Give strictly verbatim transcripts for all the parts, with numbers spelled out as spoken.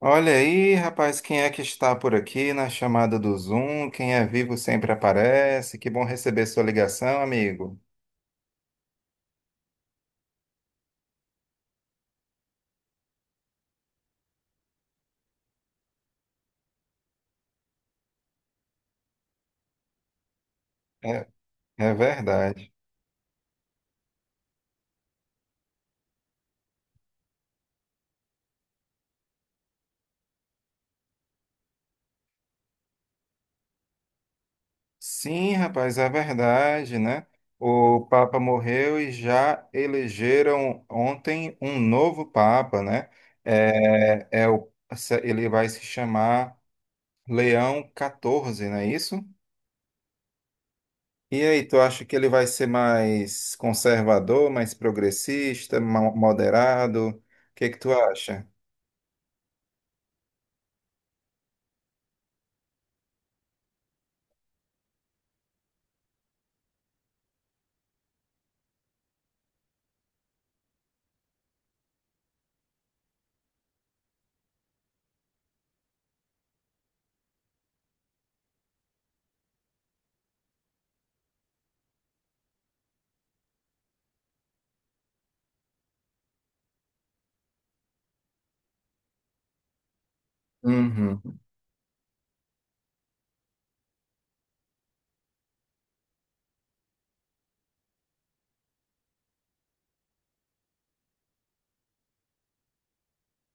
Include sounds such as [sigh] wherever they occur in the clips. Olha aí, rapaz, quem é que está por aqui na chamada do Zoom? Quem é vivo sempre aparece. Que bom receber sua ligação, amigo. É, é verdade. Sim, rapaz, é verdade, né? O Papa morreu e já elegeram ontem um novo Papa, né? É, é o, Ele vai se chamar Leão catorze, não é isso? E aí, tu acha que ele vai ser mais conservador, mais progressista, mo- moderado? O que que tu acha? Uhum.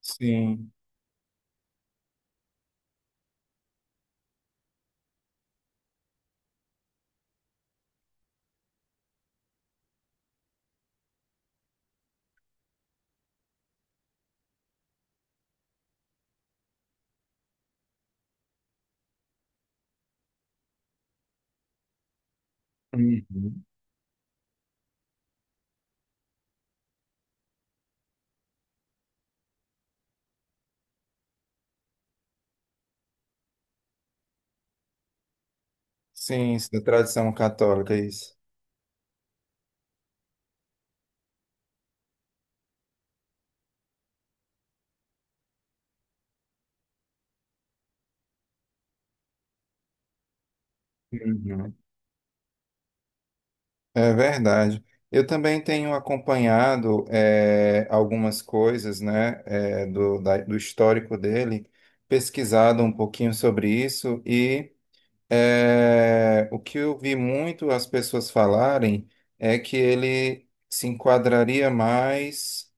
Sim. Uhum. Sim, isso da tradição católica, isso. Uhum. É verdade. Eu também tenho acompanhado eh, algumas coisas, né, eh, do, da- do histórico dele, pesquisado um pouquinho sobre isso. É, o que eu vi muito as pessoas falarem é que ele se enquadraria mais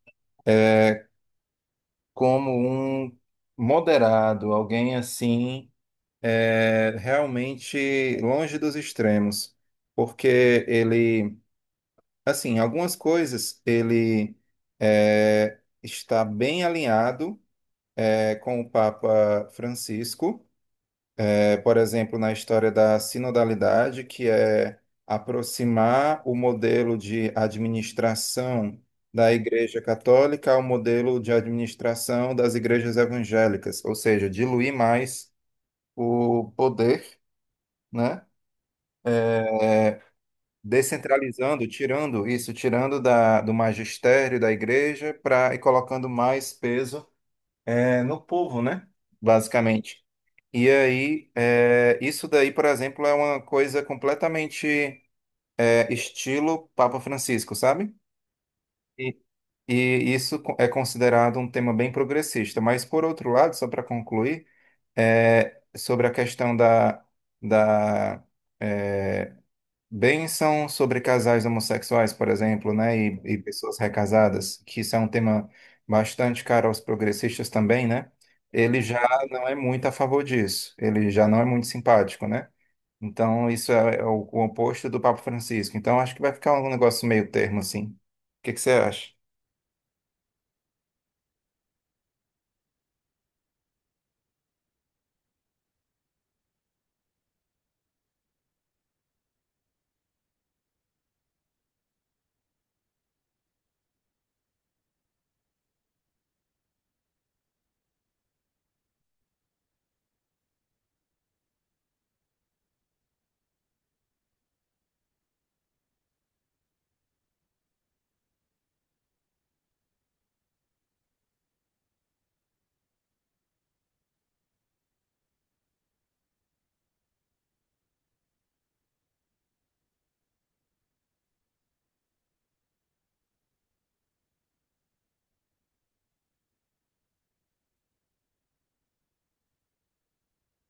como um moderado, alguém assim, é, realmente longe dos extremos, porque ele, assim, algumas coisas ele é, está bem alinhado, é, com o Papa Francisco. É, por exemplo, na história da sinodalidade, que é aproximar o modelo de administração da Igreja Católica ao modelo de administração das igrejas evangélicas, ou seja, diluir mais o poder, né? Descentralizando, tirando isso, tirando da, do magistério da igreja pra, e colocando mais peso, é, no povo, né? Basicamente. E aí, é, isso daí, por exemplo, é uma coisa completamente, é, estilo Papa Francisco, sabe? E, e isso co- é considerado um tema bem progressista. Mas, por outro lado, só para concluir, é, sobre a questão da, da é, bênção sobre casais homossexuais, por exemplo, né, e, e pessoas recasadas, que isso é um tema bastante caro aos progressistas também, né? Ele já não é muito a favor disso, ele já não é muito simpático, né? Então, isso é, é o, o oposto do Papa Francisco. Então, acho que vai ficar um negócio meio termo, assim. O que que você acha?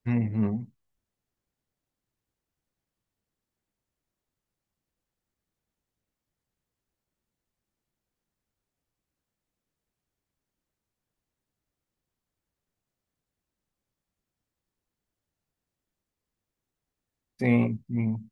Uhum. Sim, sim.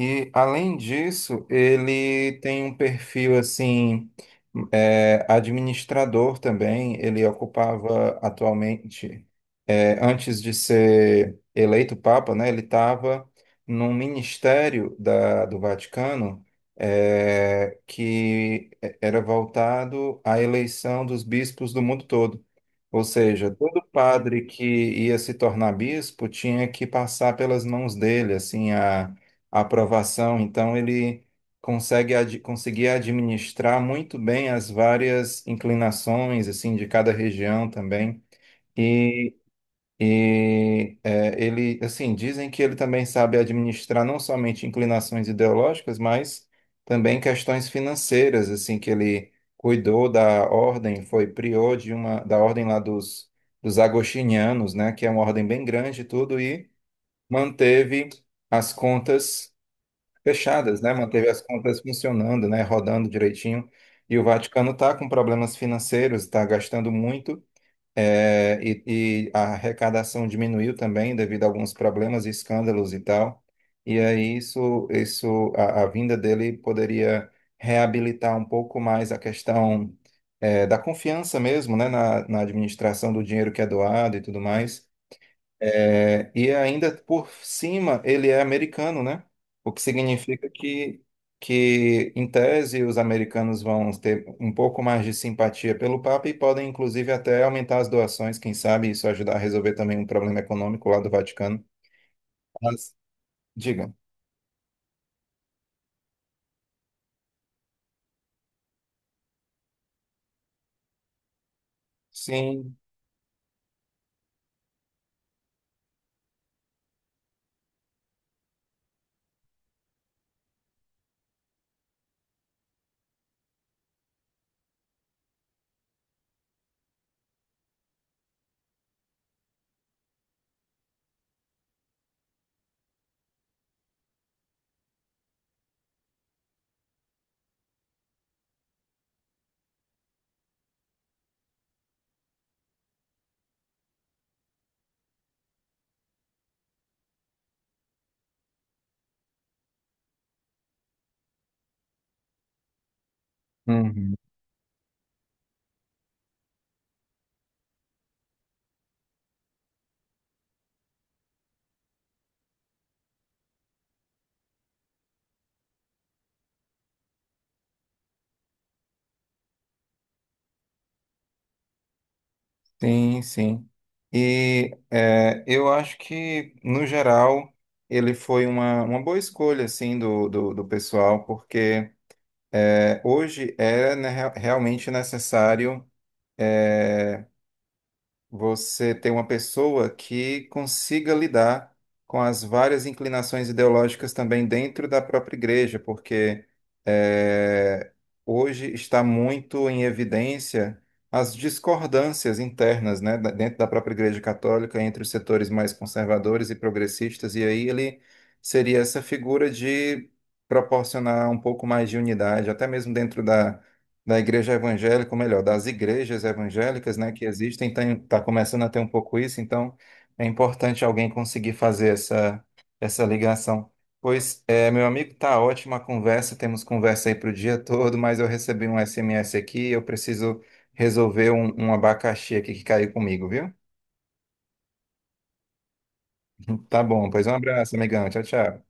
E além disso, ele tem um perfil assim, é, administrador também. Ele ocupava atualmente. É, antes de ser eleito Papa, né, ele estava num ministério da, do Vaticano, eh, que é, era voltado à eleição dos bispos do mundo todo. Ou seja, todo padre que ia se tornar bispo tinha que passar pelas mãos dele, assim, a, a aprovação. Então, ele consegue ad, conseguia administrar muito bem as várias inclinações, assim, de cada região também. E e é, ele, assim, dizem que ele também sabe administrar não somente inclinações ideológicas, mas também questões financeiras, assim, que ele cuidou da ordem, foi prior de uma da ordem lá dos, dos agostinianos, né, que é uma ordem bem grande e tudo, e manteve as contas fechadas, né, manteve as contas funcionando, né, rodando direitinho. E o Vaticano está com problemas financeiros, está gastando muito. É, e, e a arrecadação diminuiu também devido a alguns problemas e escândalos e tal. E aí isso, isso a, a vinda dele poderia reabilitar um pouco mais a questão, é, da confiança mesmo, né, na, na administração do dinheiro que é doado e tudo mais. É, e ainda por cima ele é americano, né? O que significa que, que, em tese, os americanos vão ter um pouco mais de simpatia pelo Papa e podem, inclusive, até aumentar as doações, quem sabe isso ajudar a resolver também um problema econômico lá do Vaticano. Mas, diga. Sim. Uhum. Sim, sim. E é, eu acho que, no geral, ele foi uma, uma boa escolha, assim, do, do, do pessoal, porque é, hoje é né, rea- realmente necessário, é, você ter uma pessoa que consiga lidar com as várias inclinações ideológicas também dentro da própria igreja, porque é, hoje está muito em evidência as discordâncias internas, né, da- dentro da própria igreja católica entre os setores mais conservadores e progressistas, e aí ele seria essa figura de proporcionar um pouco mais de unidade, até mesmo dentro da da igreja evangélica, ou melhor, das igrejas evangélicas, né, que existem, está começando a ter um pouco isso, então é importante alguém conseguir fazer essa, essa ligação. Pois, é, meu amigo, tá ótima a conversa, temos conversa aí para o dia todo, mas eu recebi um S M S aqui, eu preciso resolver um, um abacaxi aqui que caiu comigo, viu? [laughs] Tá bom, pois um abraço, amigão, tchau, tchau.